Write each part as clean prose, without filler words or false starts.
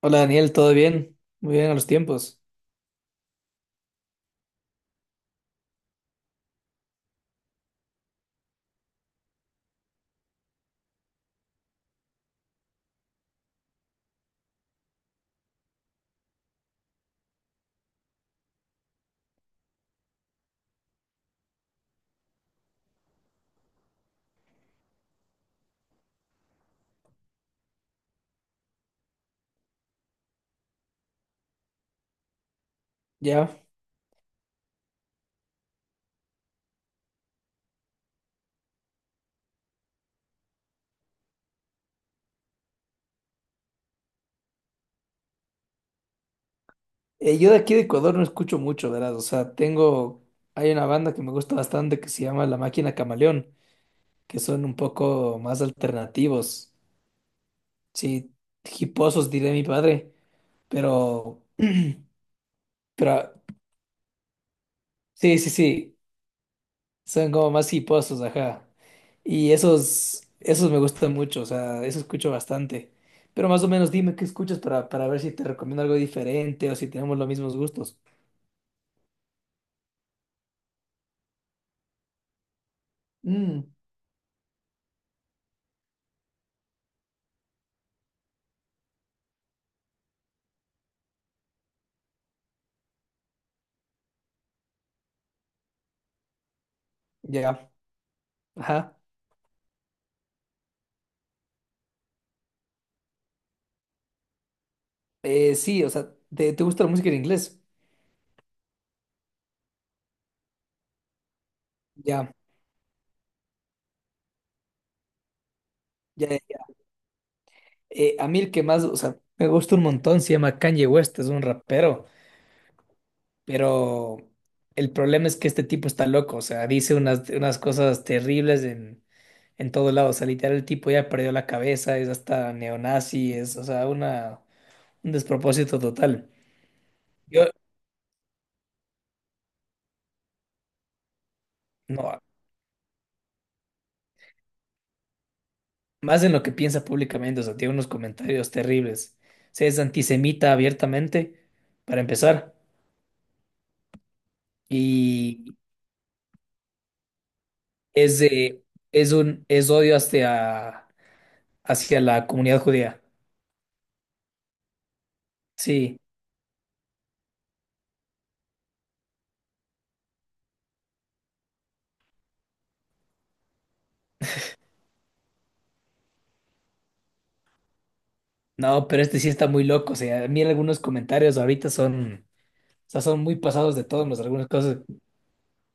Hola Daniel, ¿todo bien? Muy bien a los tiempos. Ya. Yo de aquí de Ecuador no escucho mucho, ¿verdad? O sea, tengo. Hay una banda que me gusta bastante que se llama La Máquina Camaleón, que son un poco más alternativos. Sí, hiposos diré mi padre, pero. Pero. Sí, sí, sí. Son como más hiposos, ajá. Y esos. Esos me gustan mucho, o sea, eso escucho bastante. Pero más o menos dime qué escuchas para ver si te recomiendo algo diferente o si tenemos los mismos gustos. Mm. Ya, ajá. Sí, o sea, ¿te gusta la música en inglés? Ya, ya, ya. Ya. A mí el que más, o sea, me gusta un montón, se llama Kanye West, es un rapero, pero el problema es que este tipo está loco, o sea, dice unas cosas terribles en todo lado, o sea, literal el tipo ya perdió la cabeza, es hasta neonazi, es, o sea, una, un despropósito total. Yo, no. Más en lo que piensa públicamente, o sea, tiene unos comentarios terribles. Se es antisemita abiertamente, para empezar, y es de- es un es odio hacia la comunidad judía. Sí, no, pero este sí está muy loco, o sea, a mí algunos comentarios ahorita son, o sea, son muy pasados de todos, algunas cosas.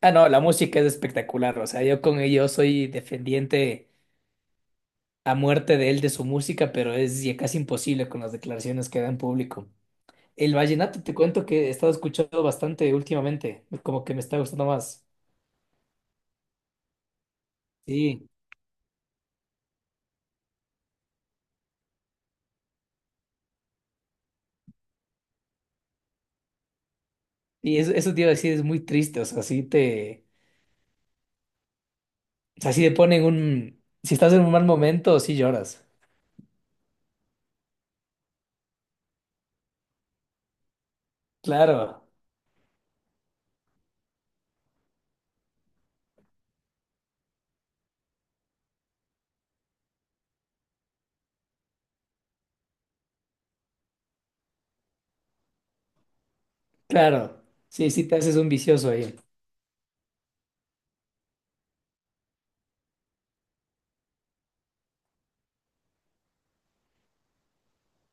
Ah, no, la música es espectacular, o sea, yo con ello soy defendiente a muerte de él de su música, pero es ya casi imposible con las declaraciones que da en público. El vallenato te cuento que he estado escuchando bastante últimamente, como que me está gustando más. Sí, y eso te iba a decir, es muy triste, o sea, o sea, sí te ponen un, si estás en un mal momento, sí lloras. Claro, claro, sí, sí te haces un vicioso ahí,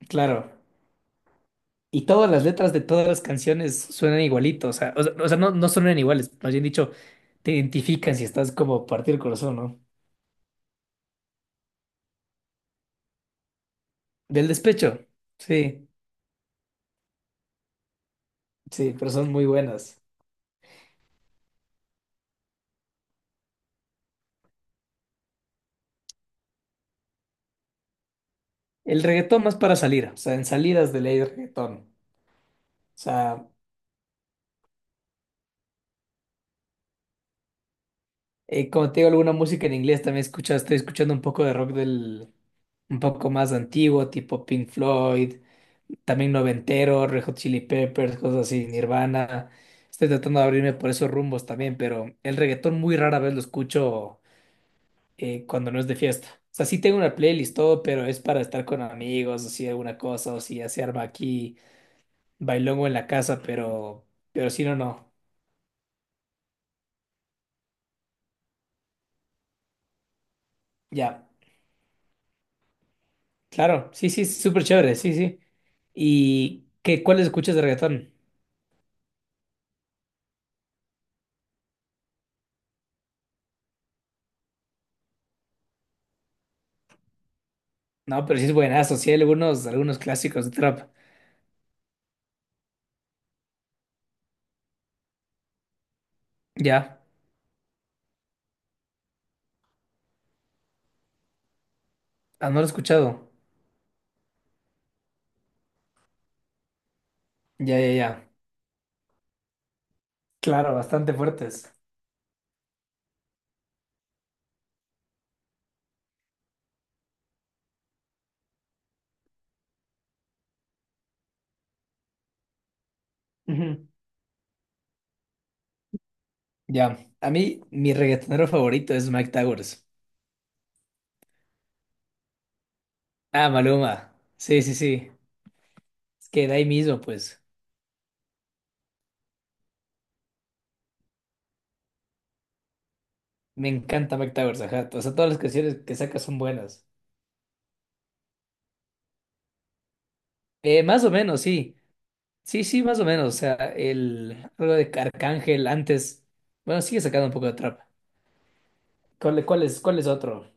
claro. Y todas las letras de todas las canciones suenan igualito, o sea, no, no suenan iguales, más bien dicho, te identifican si estás como partido el corazón, ¿no? Del despecho, sí, sí, pero son muy buenas. El reggaetón más para salir, o sea, en salidas de ley de reggaetón. O sea, como te digo, alguna música en inglés también escucha, estoy escuchando un poco de rock un poco más antiguo, tipo Pink Floyd, también noventero, Red Hot Chili Peppers, cosas así, Nirvana. Estoy tratando de abrirme por esos rumbos también, pero el reggaetón muy rara vez lo escucho cuando no es de fiesta. O sea, sí tengo una playlist, todo, pero es para estar con amigos, o si alguna cosa, o si ya se arma aquí bailongo en la casa, pero si no, no. Ya. Claro, sí, sí, es súper chévere, sí, sí. ¿Y qué, cuáles escuchas de reggaetón? No, pero sí es buenazo, sí hay algunos, algunos clásicos de trap. Ya, ah, no lo he escuchado. Ya, ya, ya. Claro, bastante fuertes. Ujú. Ya, a mí mi reggaetonero favorito es Mike Towers. Ah, Maluma. Sí, sí, sí. Es que de ahí mismo, pues, me encanta Mike Towers, ajá. O sea, todas las canciones que saca son buenas. Más o menos, sí. Sí, sí, más o menos. O sea, el algo de Arcángel antes. Bueno, sigue sacando un poco de trap. ¿Cuál, cuál es otro?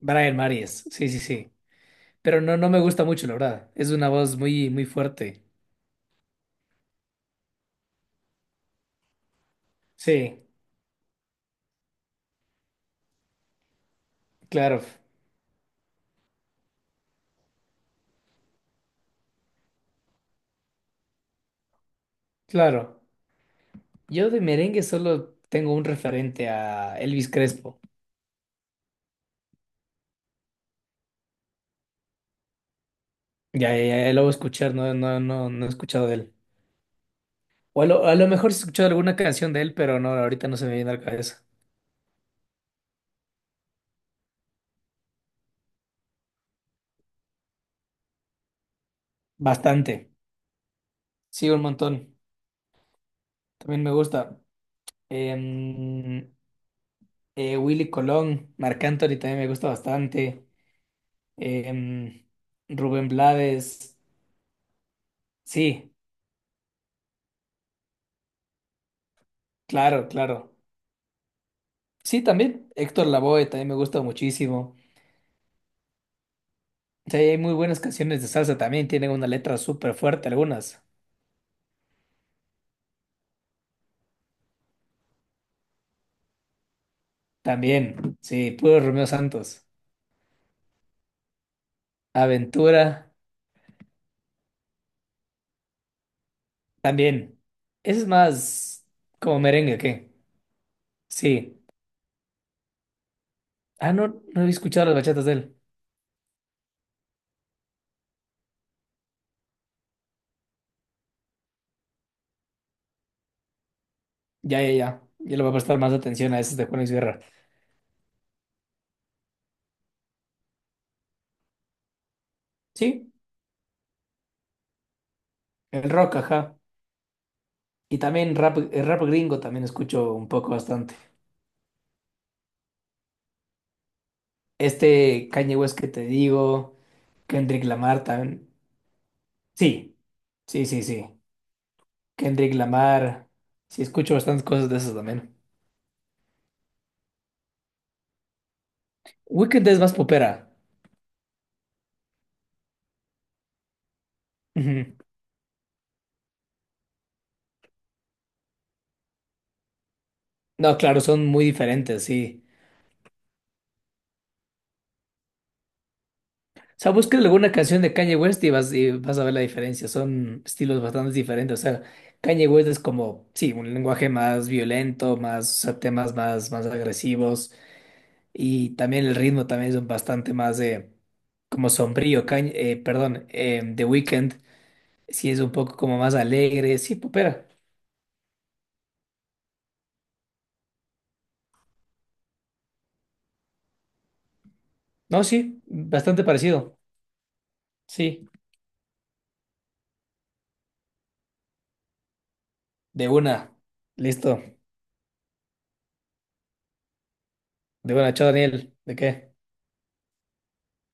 Brian Marías. Sí, sí, sí. Pero no, no me gusta mucho, la verdad. Es una voz muy, muy fuerte. Sí, claro, claro. Yo de merengue solo tengo un referente a Elvis Crespo. Ya, ya, ya lo voy a escuchar, no, no, no, no he escuchado de él. O a lo mejor sí he escuchado alguna canción de él, pero no, ahorita no se me viene a la cabeza. Bastante. Sí, un montón. También me gusta. Em, Willy Colón, Marc Anthony también me gusta bastante. Em, Rubén Blades, sí, claro, claro. Sí, también Héctor Lavoe también me gusta muchísimo. Sí, hay muy buenas canciones de salsa también, tienen una letra súper fuerte algunas. También, sí, puro Romeo Santos. Aventura, también. Ese es más como merengue, ¿qué? Sí. Ah, no, no había escuchado las bachatas de él. Ya, ya, ya. Ya le voy a prestar más atención a esas de Juan Luis Guerra. Sí, el rock, ajá. Y también rap, el rap gringo también escucho un poco bastante. Este Kanye West que te digo, Kendrick Lamar también. Sí, sí, sí, sí. Kendrick Lamar. Sí, escucho bastantes cosas de esas también. Weekend es más popera. Ujú. No, claro, son muy diferentes, sí. O sea, busca alguna canción de Kanye West y vas a ver la diferencia. Son estilos bastante diferentes. O sea, Kanye West es como, sí, un lenguaje más violento, más, o sea, temas más agresivos. Y también el ritmo también es bastante más como sombrío. Cañ perdón, The Weeknd sí es un poco como más alegre. Sí, popera. No, sí, bastante parecido. Sí, de una. Listo. De una, chao Daniel. ¿De qué?